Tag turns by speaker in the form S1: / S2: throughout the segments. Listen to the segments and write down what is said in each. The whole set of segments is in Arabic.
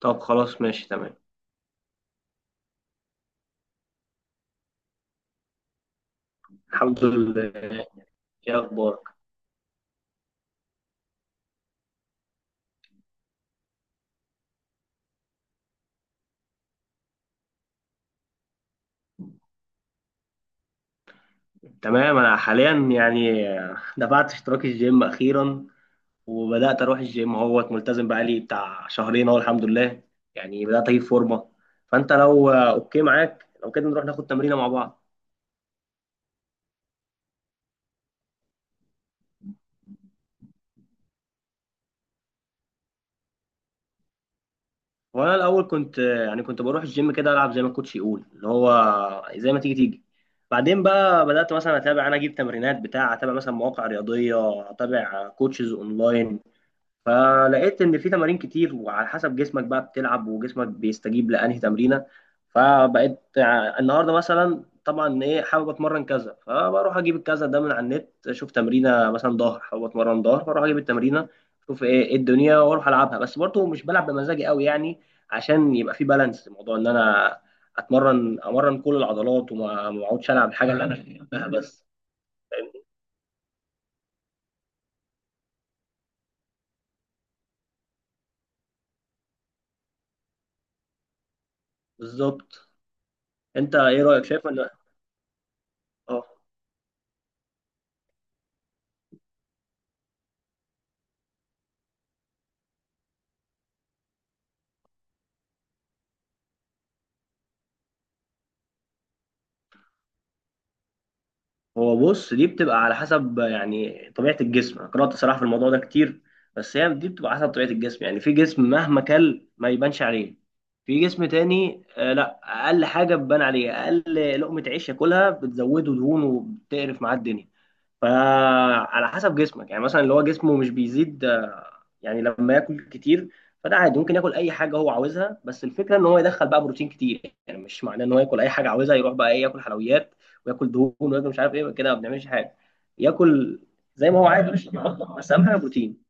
S1: طب خلاص ماشي تمام. الحمد لله. ايه اخبارك؟ تمام، انا حاليا يعني دفعت اشتراك الجيم اخيرا، وبدات اروح الجيم اهوت ملتزم بقالي بتاع شهرين اهو، الحمد لله. يعني بدات اجيب فورمه، فانت لو اوكي معاك لو كده نروح ناخد تمرينه مع بعض. وانا الاول كنت بروح الجيم كده العب زي ما الكوتش يقول، اللي هو زي ما تيجي تيجي. بعدين بقى بدات مثلا اتابع، انا اجيب تمرينات بتاع، اتابع مثلا مواقع رياضيه، اتابع كوتشز اونلاين. فلقيت ان في تمارين كتير، وعلى حسب جسمك بقى بتلعب، وجسمك بيستجيب لانهي تمرينه. فبقيت النهارده مثلا طبعا ايه حابب اتمرن كذا، فبروح اجيب الكذا ده من على النت، اشوف تمرينه، مثلا ظهر حابب اتمرن ظهر، فاروح اجيب التمرينه اشوف إيه الدنيا واروح العبها. بس برضه مش بلعب بمزاجي قوي يعني، عشان يبقى في بالانس، موضوع ان انا امرن كل العضلات، وما ما اقعدش العب الحاجه اللي انا بحبها بس. بالظبط. انت ايه رايك؟ شايف ان اه هو بص، دي بتبقى على حسب يعني طبيعة الجسم. أنا قرأت صراحة في الموضوع ده كتير، بس هي دي بتبقى حسب طبيعة الجسم. يعني في جسم مهما كل ما يبانش عليه، في جسم تاني آه لا، أقل حاجة بتبان عليه، أقل لقمة عيش ياكلها بتزوده دهون وبتقرف معاه الدنيا. فعلى حسب جسمك، يعني مثلا اللي هو جسمه مش بيزيد، يعني لما ياكل كتير، فده عادي، ممكن ياكل اي حاجه هو عاوزها. بس الفكره ان هو يدخل بقى بروتين كتير، يعني مش معناه ان هو ياكل اي حاجه عاوزها، يروح بقى ايه ياكل حلويات وياكل دهون وياكل مش عارف ايه كده، ما بنعملش حاجه. ياكل زي ما هو عايز ماشي، بس اهم حاجه بروتين.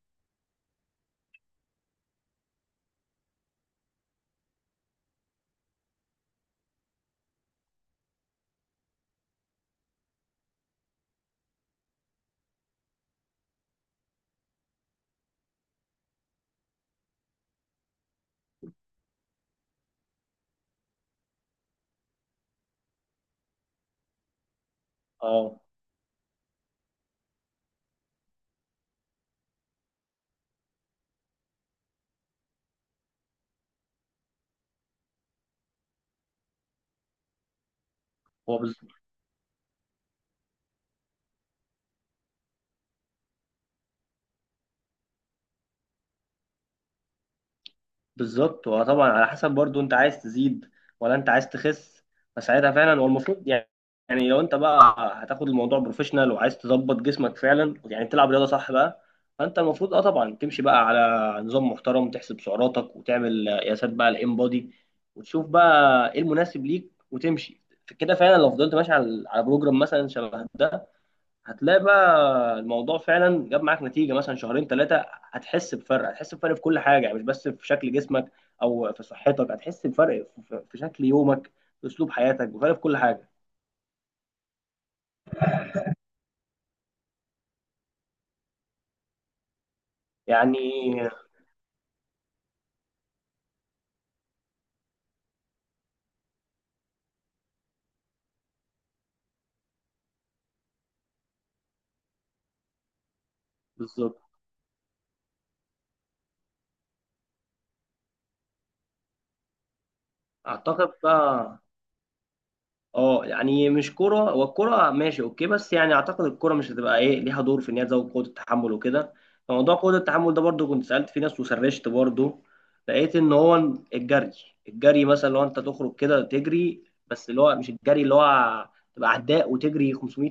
S1: اه هو. بالظبط، وطبعا على حسب برضو انت عايز تزيد ولا انت عايز تخس، فساعتها فعلا هو المفروض يعني، يعني لو انت بقى هتاخد الموضوع بروفيشنال وعايز تظبط جسمك فعلا، يعني تلعب رياضه صح بقى، فانت المفروض اه طبعا تمشي بقى على نظام محترم، تحسب سعراتك وتعمل قياسات بقى الام بودي، وتشوف بقى ايه المناسب ليك وتمشي كده فعلا. لو فضلت ماشي على بروجرام مثلا شبه ده، هتلاقي بقى الموضوع فعلا جاب معاك نتيجه، مثلا شهرين ثلاثه هتحس بفرق، هتحس بفرق في كل حاجه، يعني مش بس في شكل جسمك او في صحتك، هتحس بفرق في شكل يومك، في اسلوب حياتك، بفرق في كل حاجه يعني. بالظبط. اعتقد بقى اه، يعني مش كرة، هو الكرة ماشي اوكي، بس يعني اعتقد الكرة مش هتبقى ايه ليها دور في ان هي تزود قوة التحمل وكده. فموضوع قوة التحمل ده برضو كنت سألت في ناس وسرشت برضو، لقيت ان هو الجري. الجري مثلا لو انت تخرج كده تجري، بس اللي هو مش الجري اللي هو تبقى عداء وتجري 500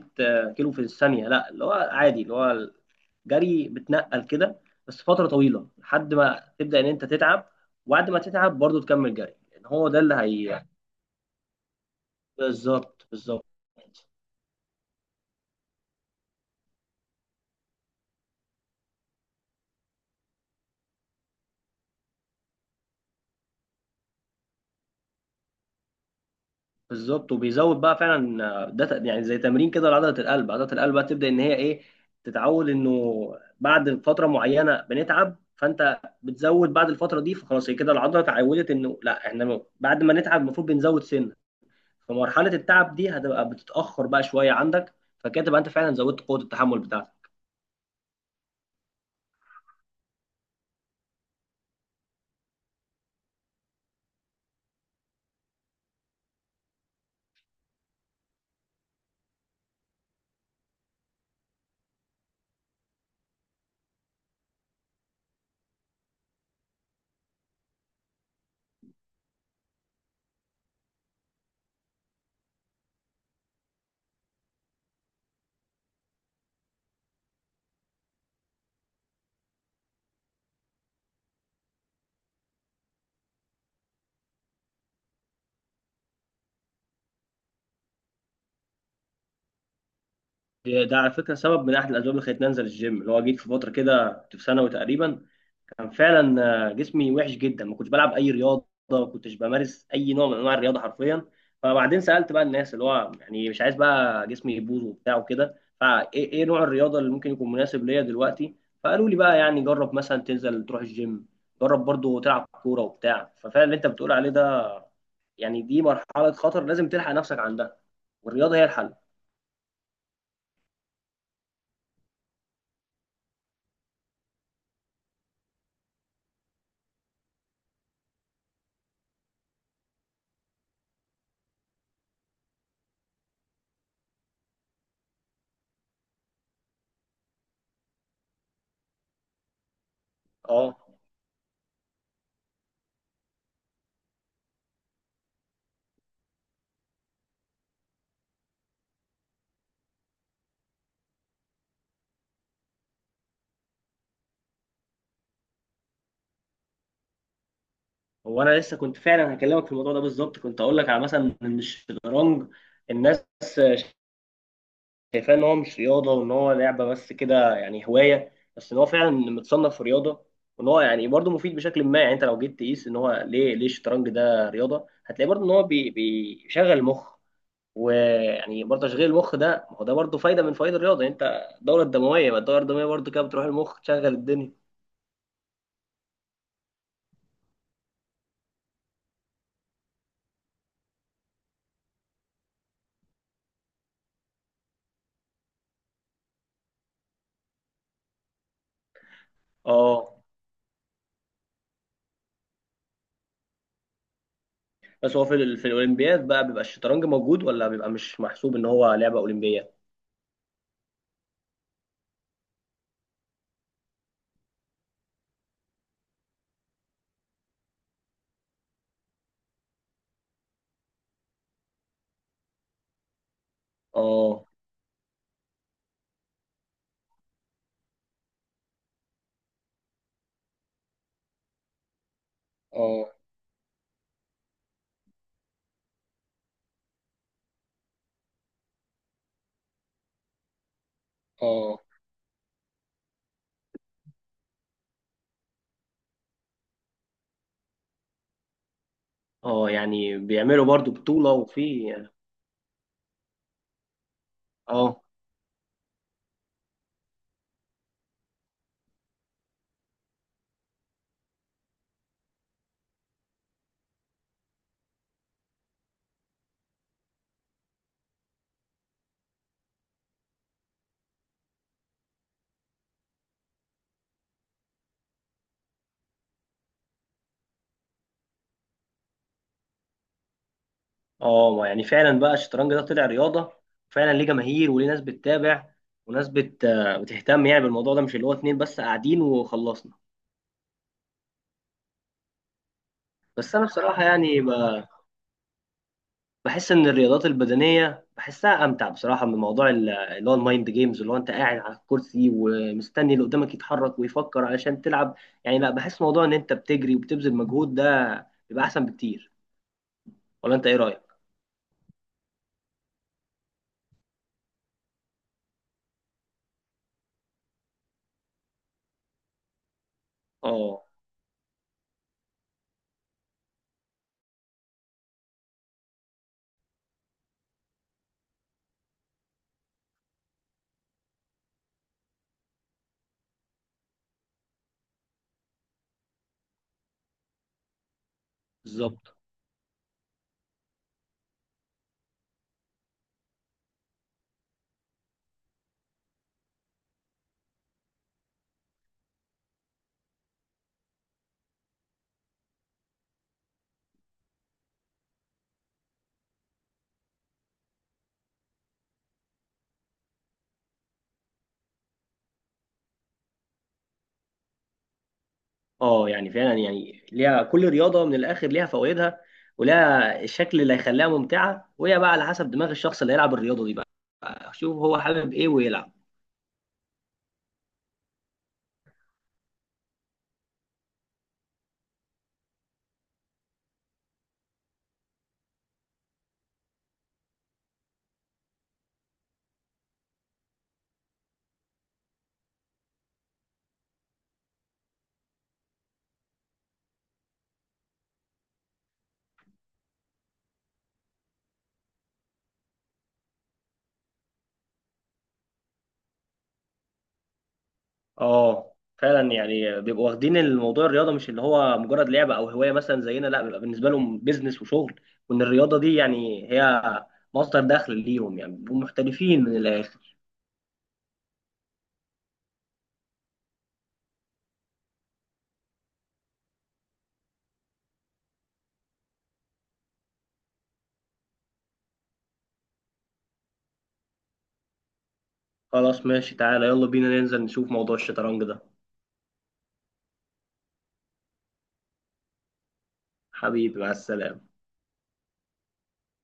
S1: كيلو في الثانية، لا اللي هو عادي، اللي هو الجري بتنقل كده بس فترة طويلة لحد ما تبدأ ان انت تتعب، وبعد ما تتعب برضو تكمل جري لان هو ده اللي هي. بالظبط، بالظبط. بالظبط، وبيزود بقى فعلا، ده يعني زي تمرين كده لعضله القلب. عضله القلب بقى تبدا ان هي ايه تتعود انه بعد فتره معينه بنتعب، فانت بتزود بعد الفتره دي، فخلاص هي كده العضله اتعودت انه لا احنا بعد ما نتعب المفروض بنزود سنه. فمرحله التعب دي هتبقى بتتاخر بقى شويه عندك، فكده تبقى انت فعلا زودت قوه التحمل بتاعتك. ده على فكره سبب من احد الاسباب اللي خلتني انزل الجيم، اللي هو جيت في فتره كده، كنت في ثانوي تقريبا، كان فعلا جسمي وحش جدا. ما كنتش بلعب اي رياضه، ما كنتش بمارس اي نوع من انواع الرياضه حرفيا. فبعدين سالت بقى الناس، اللي هو يعني مش عايز بقى جسمي يبوظ وبتاع وكده، فايه إيه نوع الرياضه اللي ممكن يكون مناسب ليا دلوقتي. فقالوا لي بقى يعني جرب مثلا تنزل تروح الجيم، جرب برضو تلعب كوره وبتاع. ففعلا اللي انت بتقول عليه ده، يعني دي مرحله خطر لازم تلحق نفسك عندها، والرياضه هي الحل. اه هو انا لسه كنت فعلا هكلمك في الموضوع ده بالظبط، كنت اقول لك على مثلا ان الشطرنج، الناس شايفاه ان هو مش رياضه وان هو لعبه بس كده يعني هوايه. بس ان هو فعلا متصنف في رياضه، وان هو يعني برضه مفيد بشكل ما. يعني انت لو جيت تقيس ان هو ليه الشطرنج ده رياضه، هتلاقي برضه ان هو بيشغل المخ، ويعني برضه تشغيل المخ ده ما هو ده برضه فايده من فوائد الرياضه. يعني انت الدوره الدمويه، ما الدوره الدمويه برضه كده بتروح المخ تشغل الدنيا. اه. بس هو في في الاولمبياد بقى بيبقى الشطرنج موجود ولا بيبقى مش محسوب ان هو لعبه اولمبيه؟ اه، اه، اه. اه يعني بيعملوا برضو بطولة وفي. اه، اه. ما يعني فعلا بقى الشطرنج ده طلع رياضه فعلا، ليه جماهير وليه ناس بتتابع، وناس بتهتم يعني بالموضوع ده، مش اللي هو اتنين بس قاعدين وخلصنا. بس انا بصراحه يعني بحس ان الرياضات البدنيه بحسها امتع بصراحه، من موضوع اللي هو المايند جيمز، اللي هو انت قاعد على الكرسي ومستني اللي قدامك يتحرك ويفكر علشان تلعب. يعني لا، بحس موضوع ان انت بتجري وبتبذل مجهود ده بيبقى احسن بكتير. ولا انت ايه رايك؟ اه. بالظبط. اه يعني فعلا، يعني ليها كل رياضه من الاخر ليها فوائدها، ولها الشكل اللي هيخليها ممتعه، وهي بقى على حسب دماغ الشخص اللي هيلعب الرياضه دي بقى، شوف هو حابب ايه ويلعب. اه فعلا، يعني بيبقوا واخدين الموضوع الرياضه مش اللي هو مجرد لعبه او هوايه مثلا زينا، لا بيبقى بالنسبه لهم بيزنس وشغل، وان الرياضه دي يعني هي مصدر دخل ليهم، يعني بيبقوا محترفين من الاخر. خلاص ماشي، تعالى يلا بينا ننزل نشوف موضوع الشطرنج ده. حبيبي مع السلامه.